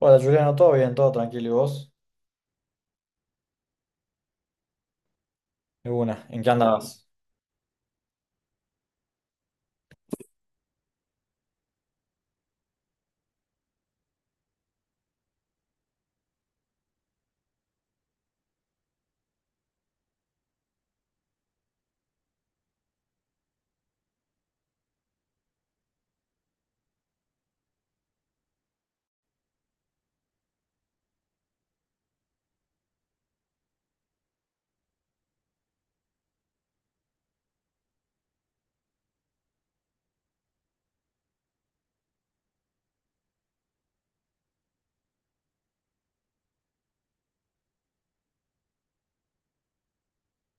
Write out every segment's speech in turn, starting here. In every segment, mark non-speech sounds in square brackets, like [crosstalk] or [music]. Hola Juliano, todo bien, todo tranquilo. ¿Y vos? De una, ¿en qué andabas?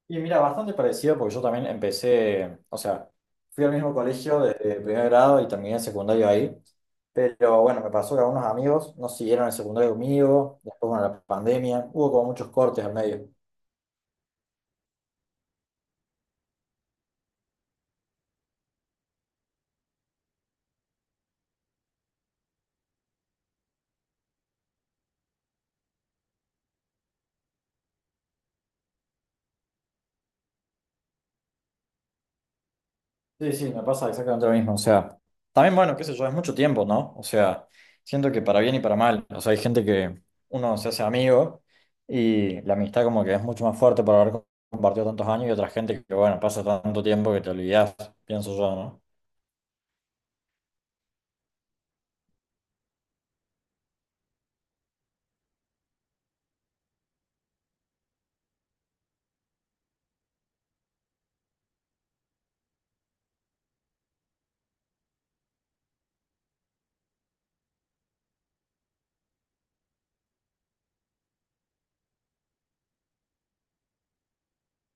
Y mira, bastante parecido porque yo también empecé, o sea, fui al mismo colegio desde primer grado y terminé el secundario ahí. Pero bueno, me pasó que algunos amigos no siguieron el secundario conmigo, después bueno, la pandemia, hubo como muchos cortes al medio. Sí, sí, me pasa exactamente lo mismo. O sea, también, bueno, qué sé yo, es mucho tiempo, ¿no? O sea, siento que para bien y para mal. O sea, hay gente que uno se hace amigo y la amistad como que es mucho más fuerte por haber compartido tantos años y otra gente que, bueno, pasa tanto tiempo que te olvidás, pienso yo, ¿no?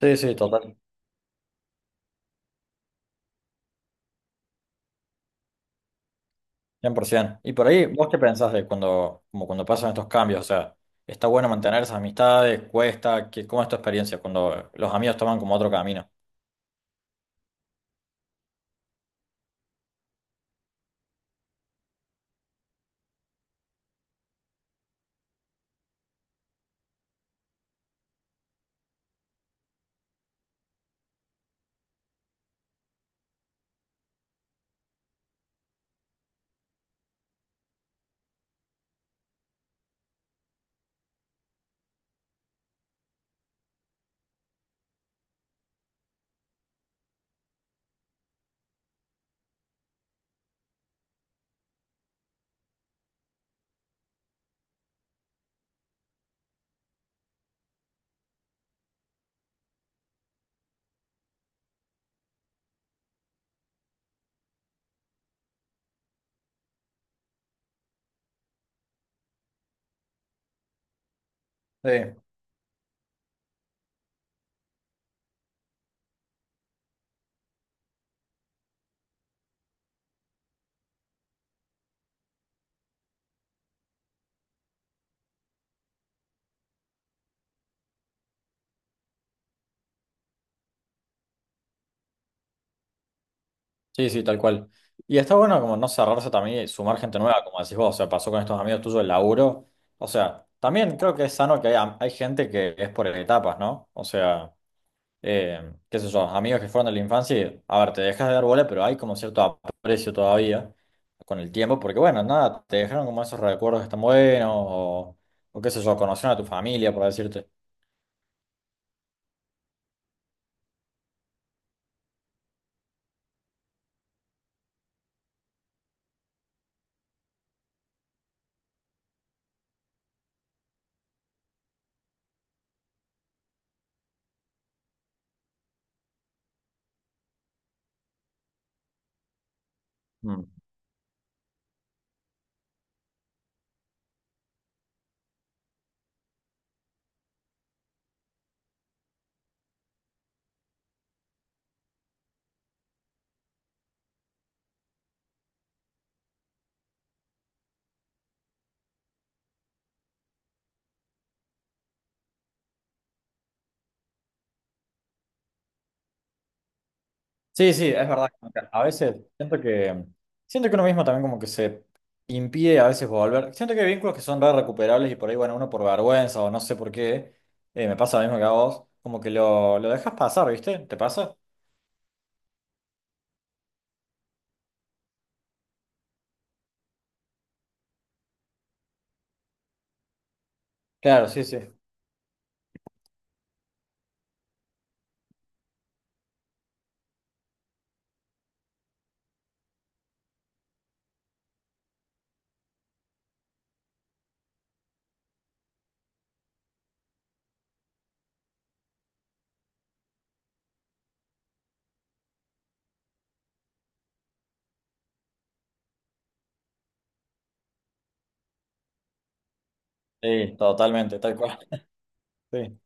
Sí, sí, total, 100%. Y por ahí, ¿vos qué pensás de cuando, como cuando pasan estos cambios? O sea, ¿está bueno mantener esas amistades? ¿Cuesta? ¿Qué, cómo es tu experiencia cuando los amigos toman como otro camino? Sí. Sí, sí, tal cual. Y está bueno como no cerrarse también y sumar gente nueva, como decís vos, o sea, pasó con estos amigos tuyos el laburo. O sea, también creo que es sano que haya, hay gente que es por etapas, ¿no? O sea, qué sé yo, amigos que fueron de la infancia y, a ver, te dejas de dar bola, pero hay como cierto aprecio todavía con el tiempo, porque bueno, nada, te dejaron como esos recuerdos que están buenos, o qué sé yo, conocieron a tu familia, por decirte. Mm. Sí, sí, es verdad. Como que a veces siento que uno mismo también como que se impide a veces volver. Siento que hay vínculos que son re recuperables y por ahí, bueno, uno por vergüenza o no sé por qué, me pasa lo mismo que a vos, como que lo dejas pasar, ¿viste? ¿Te pasa? Claro, sí, sí. Sí, totalmente, tal cual. Sí,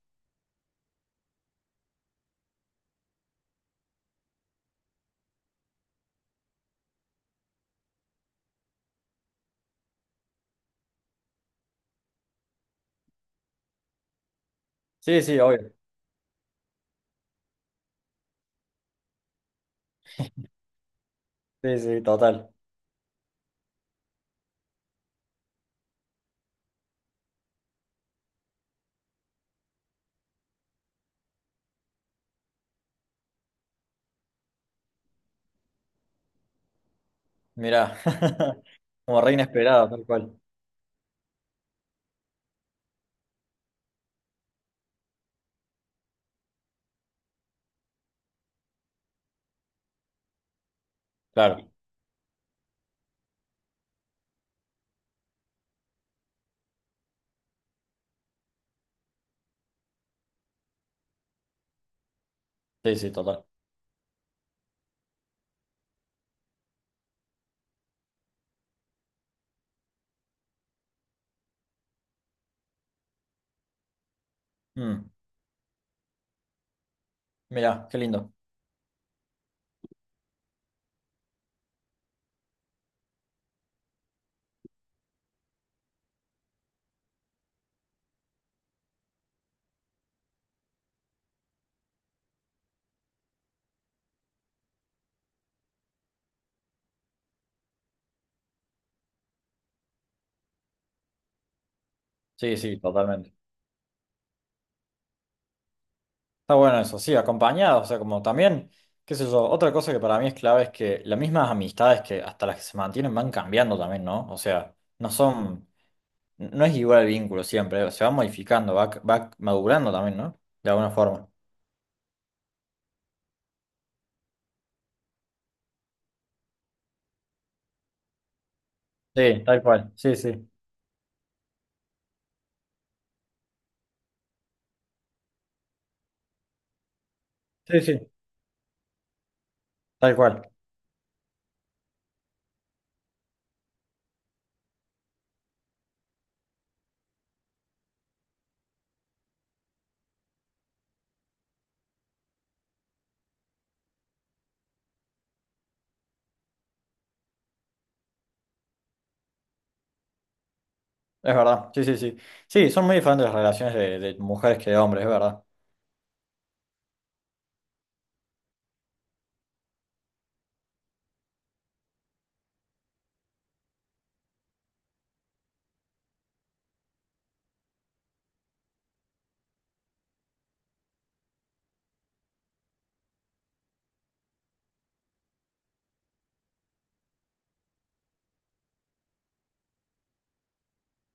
sí, sí, obvio. Sí, sí, total. Mirá, [laughs] como re inesperado, tal cual. Claro, sí, sí, total. Mm, mirá, qué lindo. Sí, sí, totalmente. Está bueno eso, sí, acompañado, o sea, como también, qué sé yo, otra cosa que para mí es clave es que las mismas amistades que hasta las que se mantienen van cambiando también, ¿no? O sea, no son, no es igual el vínculo siempre, se va modificando, va, va madurando también, ¿no? De alguna forma. Sí, tal cual, sí, sí, sí, sí, tal cual, es verdad, sí, sí, sí. Sí, son muy diferentes las relaciones de mujeres que de hombres, es verdad,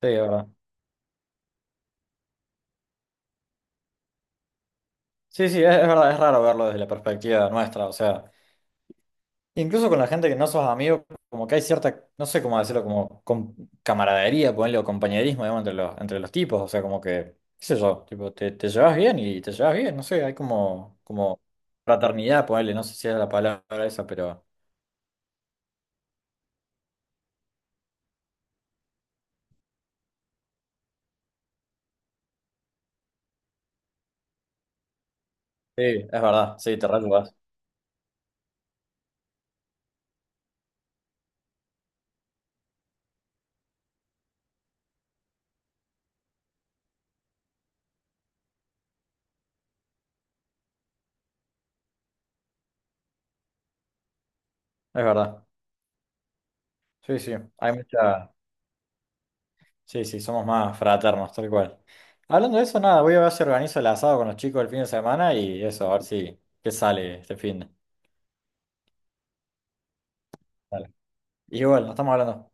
sí, es verdad. Sí, sí, es verdad, es raro verlo desde la perspectiva nuestra, o sea. Incluso con la gente que no sos amigo, como que hay cierta, no sé cómo decirlo, como com- camaradería, ponerle o compañerismo, digamos, entre los tipos, o sea, como que, qué sé yo, tipo, te llevas bien y te llevas bien, no sé, hay como, como fraternidad, ponerle, no sé si es la palabra esa, pero sí, es verdad, sí, te reayudas, es verdad, sí, sí, hay mucha, sí, sí, somos más fraternos, tal cual. Hablando de eso, nada, voy a ver si organizo el asado con los chicos el fin de semana y eso, a ver si, qué sale este fin de. Dale. Igual, nos estamos hablando.